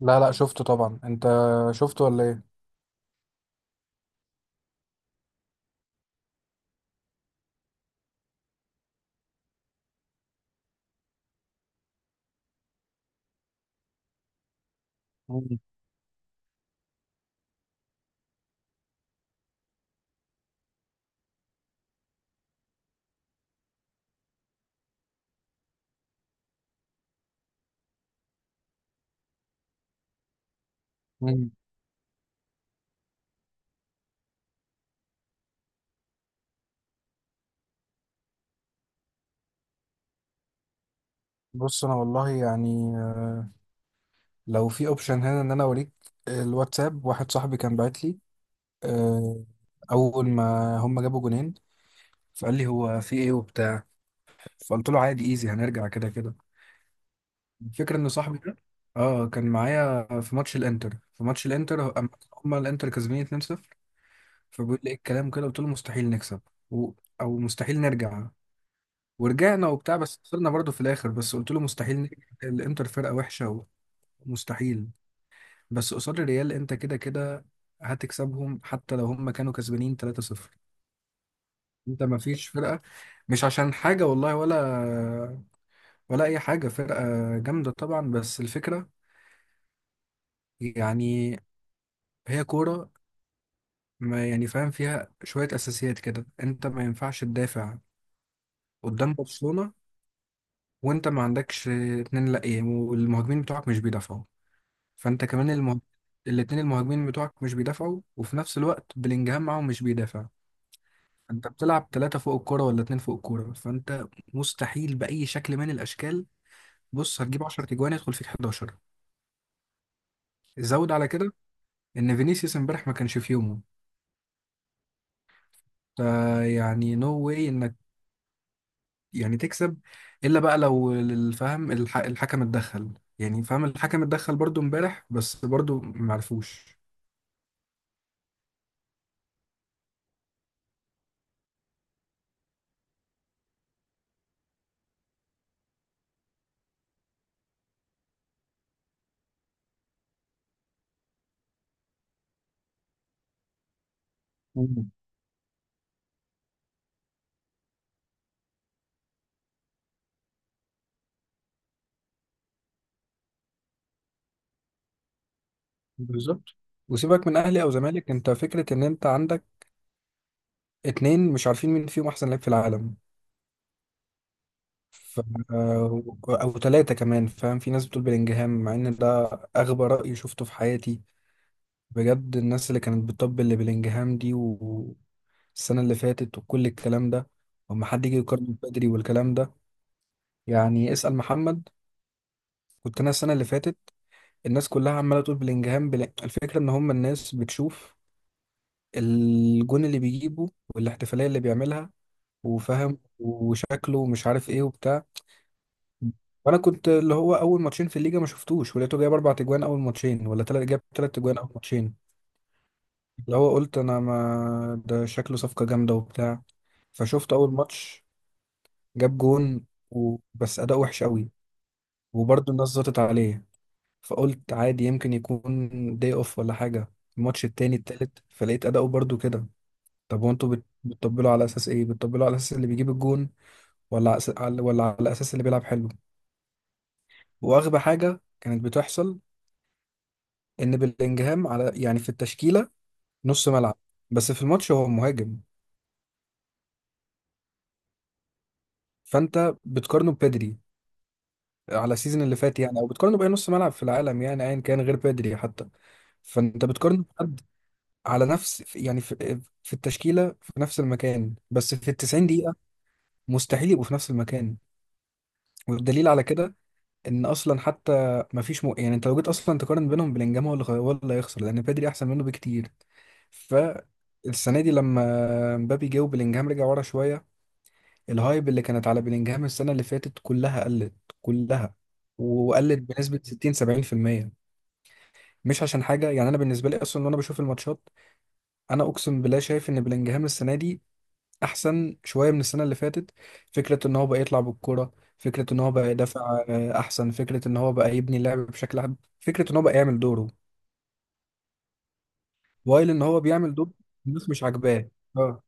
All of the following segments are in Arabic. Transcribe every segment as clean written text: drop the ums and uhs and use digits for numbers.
لا، لا، شفته طبعا. انت شفته ولا ايه؟ مم. مم. بص، انا والله يعني، لو في اوبشن هنا ان انا اوريك الواتساب. واحد صاحبي كان بعت لي، آه، اول ما هم جابوا جونين، فقال لي هو في ايه وبتاع. فقلت له عادي، ايزي، هنرجع كده كده. الفكره ان صاحبي ده اه كان معايا في ماتش الانتر، أما هم الانتر كسبانين 2-0، فبيقول لي ايه الكلام كده. قلت له مستحيل نكسب و... او مستحيل نرجع. ورجعنا وبتاع، بس خسرنا برضه في الاخر. بس قلت له مستحيل نكسب، الانتر فرقه وحشه ومستحيل. بس قصاد الريال انت كده كده هتكسبهم حتى لو هم كانوا كسبانين 3-0. انت ما فيش فرقه، مش عشان حاجه والله، ولا اي حاجه. فرقه جامده طبعا، بس الفكره يعني هي كوره. ما يعني فاهم فيها شويه اساسيات كده، انت ما ينفعش تدافع قدام برشلونه وانت ما عندكش اتنين لا ايه، والمهاجمين بتوعك مش بيدافعوا. فانت كمان الاتنين المهاجمين بتوعك مش بيدافعوا، وفي نفس الوقت بلينجهام معاهم مش بيدافع. انت بتلعب ثلاثة فوق الكورة ولا اتنين فوق الكورة، فانت مستحيل بأي شكل من الأشكال. بص، هتجيب 10 تجوان يدخل فيك 11. زود على كده ان فينيسيوس امبارح ما كانش في يومه، فيعني نو واي انك يعني تكسب الا بقى لو الحكم اتدخل. يعني فاهم، الحكم اتدخل برضو امبارح بس برضو معرفوش. مم. بالظبط. وسيبك من اهلي او زمالك، انت فكره ان انت عندك اتنين مش عارفين مين فيهم احسن لاعب في العالم. ف... او تلاتة كمان فاهم. في ناس بتقول بلينجهام، مع ان ده اغبى رأي شفته في حياتي بجد. الناس اللي كانت بتطبل لبلينجهام دي والسنة اللي فاتت وكل الكلام ده، وما حد يجي يقارن بدري والكلام ده، يعني اسأل محمد. كنت انا السنة اللي فاتت الناس كلها عمالة تقول بلينجهام الفكرة ان هم الناس بتشوف الجون اللي بيجيبه والاحتفالية اللي بيعملها وفاهم وشكله ومش عارف ايه وبتاع. وانا كنت اللي هو اول ماتشين في الليجا ما شفتوش، ولقيته جايب اربع تجوان اول ماتشين، ولا تلات جاب تلات تجوان اول ماتشين، اللي هو قلت انا ما ده شكله صفقة جامدة وبتاع. فشفت اول ماتش، جاب جون بس اداء وحش قوي، وبرضه الناس زطت عليه. فقلت عادي يمكن يكون داي اوف ولا حاجة. الماتش التاني التالت فلقيت اداؤه برضه كده. طب وانتوا بتطبلوا على اساس ايه؟ بتطبلوا على اساس اللي بيجيب الجون، ولا على ولا على اساس اللي بيلعب حلو؟ واغبى حاجة كانت بتحصل ان بلينجهام على يعني في التشكيله نص ملعب، بس في الماتش هو مهاجم. فانت بتقارنه ببدري على السيزون اللي فات يعني، او بتقارنه باي نص ملعب في العالم يعني ايا كان غير بدري حتى. فانت بتقارنه بحد على نفس يعني في التشكيله في نفس المكان، بس في 90 دقيقه مستحيل يبقوا في نفس المكان. والدليل على كده ان اصلا حتى ما فيش يعني انت لو جيت اصلا تقارن بينهم، بلينجهام هو اللي هيخسر لان بدري احسن منه بكتير. ف السنه دي لما مبابي جه وبلينجهام رجع ورا شويه، الهايب اللي كانت على بلينجهام السنة اللي فاتت كلها قلت، كلها. وقلت بنسبة 60 70%. مش عشان حاجة يعني، أنا بالنسبة لي أصلا وأنا بشوف الماتشات أنا أقسم بالله شايف إن بلينجهام السنة دي أحسن شوية من السنة اللي فاتت. فكرة إن هو بقى يطلع بالكرة، فكرة إن هو بقى يدافع أحسن، فكرة إن هو بقى يبني اللعب بشكل أحسن، فكرة إن هو بقى يعمل دوره، وايل إن هو بيعمل دوره الناس مش عاجباه. آه.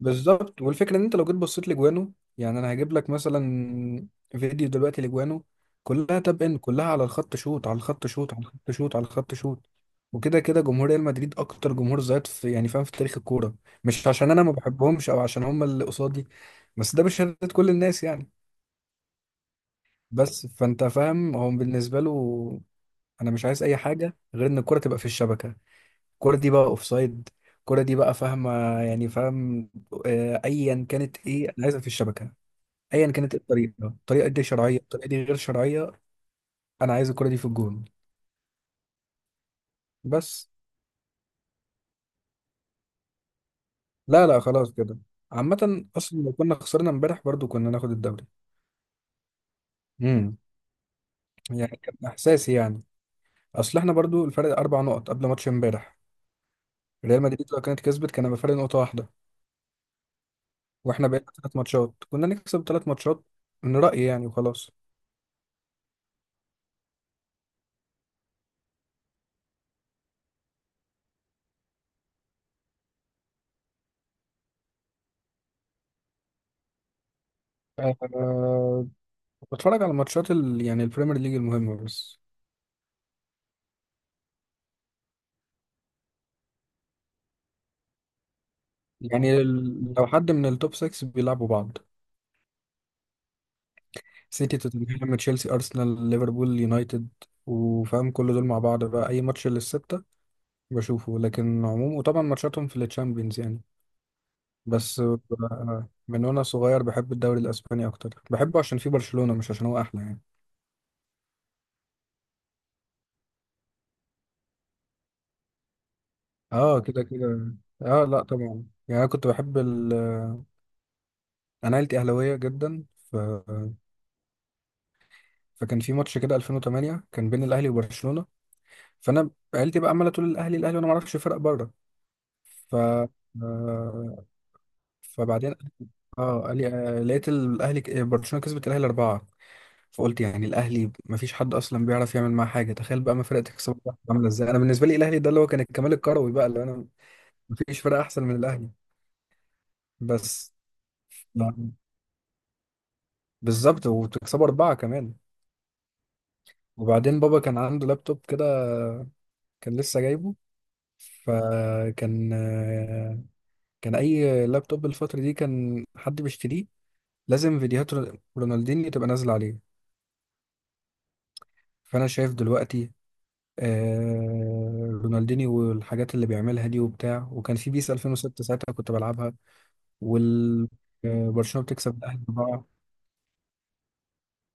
بالظبط. والفكره ان انت لو جيت بصيت لجوانه، يعني انا هجيب لك مثلا فيديو دلوقتي لجوانه، كلها تاب ان، كلها على الخط شوت على الخط شوت على الخط شوت على الخط شوت. وكده كده جمهور ريال مدريد اكتر جمهور زيط في يعني فاهم في تاريخ الكوره، مش عشان انا ما بحبهمش او عشان هم اللي قصادي، بس ده بشهاده كل الناس يعني. بس فانت فاهم هو بالنسبه له انا مش عايز اي حاجه غير ان الكوره تبقى في الشبكه. الكرة دي بقى اوفسايد، الكرة دي بقى فاهمة، يعني فاهم، ايا كانت ايه انا عايزها في الشبكة. ايا كانت إيه الطريقة، الطريقة دي شرعية الطريقة دي غير شرعية، انا عايز الكرة دي في الجون. بس. لا، لا، خلاص كده. عامة اصلا لو كنا خسرنا امبارح برضو كنا ناخد الدوري. امم. يعني كان احساسي يعني. اصل احنا برضو الفرق اربع نقط قبل ماتش امبارح. ريال مدريد لو كانت كسبت كان هيبقى فرق نقطة واحدة، واحنا بقينا ثلاث ماتشات كنا نكسب ثلاث ماتشات. من رأيي يعني، وخلاص. آه، بتفرج على ماتشات يعني البريمير ليج المهمة بس. يعني لو حد من التوب 6 بيلعبوا بعض، سيتي توتنهام تشيلسي أرسنال ليفربول يونايتد، وفاهم كل دول مع بعض بقى، أي ماتش للستة بشوفه. لكن عموم، وطبعا ماتشاتهم في التشامبيونز يعني. بس من وأنا صغير بحب الدوري الأسباني أكتر، بحبه عشان فيه برشلونة مش عشان هو أحلى يعني. اه كده كده. اه لا طبعا يعني أنا كنت بحب أنا عيلتي أهلاوية جدا. ف... فكان في ماتش كده 2008 كان بين الأهلي وبرشلونة. فانا عيلتي بقى عماله تقول الاهلي الاهلي، وانا ما اعرفش فرق بره. ف آه، فبعدين اه قال لي لقيت الاهلي برشلونه كسبت الاهلي اربعه. فقلت يعني الاهلي ما فيش حد اصلا بيعرف يعمل معاه حاجه، تخيل بقى ما فرقه تكسب واحد، عامله ازاي. انا بالنسبه لي الاهلي ده اللي هو كان الكمال الكروي بقى، اللي انا ما فيش فرقه احسن من الاهلي. بس يعني، بالظبط، وتكسبوا اربعه كمان. وبعدين بابا كان عنده لابتوب كده، كان لسه جايبه. فكان، كان اي لابتوب الفتره دي كان حد بيشتريه لازم فيديوهات رونالدينيو تبقى نازله عليه. فانا شايف دلوقتي آه رونالدينيو والحاجات اللي بيعملها دي وبتاع، وكان في بيس 2006 ساعتها كنت بلعبها. وال برشلونه بتكسب الاهلي بقى.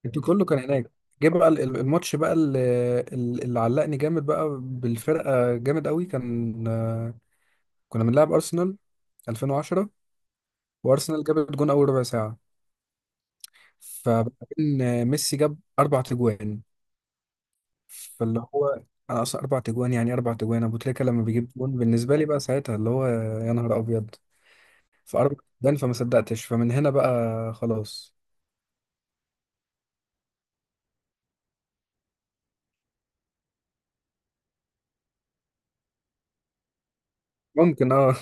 انت كله كان هناك. جه بقى الماتش بقى اللي علقني جامد بقى بالفرقه جامد قوي. كان كنا بنلعب ارسنال 2010، وارسنال جابت جون اول ربع ساعه، فبعدين ميسي جاب اربع تجوان. فاللي هو انا اصلا اربع تجوان يعني، اربع تجوان ابو تريكه لما بيجيب جون بالنسبه لي بقى ساعتها اللي هو يا نهار ابيض. فاربع تجوان، فما صدقتش، فمن هنا بقى خلاص. ممكن اه.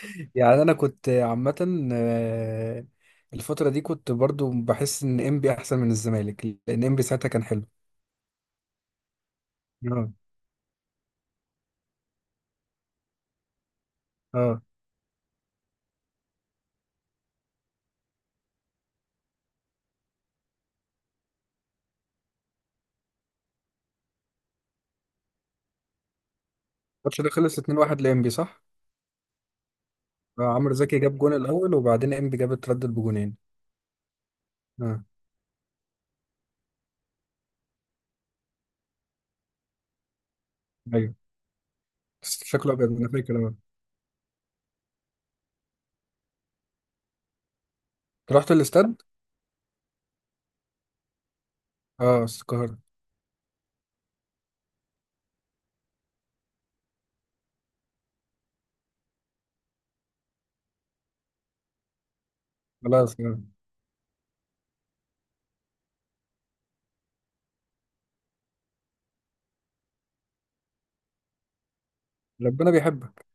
يعني انا كنت عامه، الفتره دي كنت برضو بحس ان انبي احسن من الزمالك لان انبي ساعتها كان حلو. اه، اه. الماتش ده خلص 2-1 لانبي صح؟ عمرو زكي جاب جون الاول وبعدين انبي جاب اتردد بجونين. اه، ايوه، شكله ابيض انا فاكر اه. أنت رحت الاستاد. اه القاهره. خلاص. آه. ربنا بيحبك.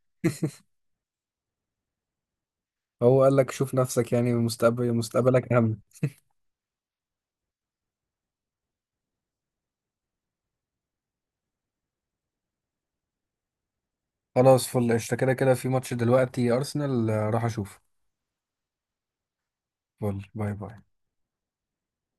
هو قال لك شوف نفسك، يعني مستقبل مستقبلك اهم. خلاص فل. قشطة كده كده، في ماتش دلوقتي أرسنال راح أشوفه. فل، باي باي.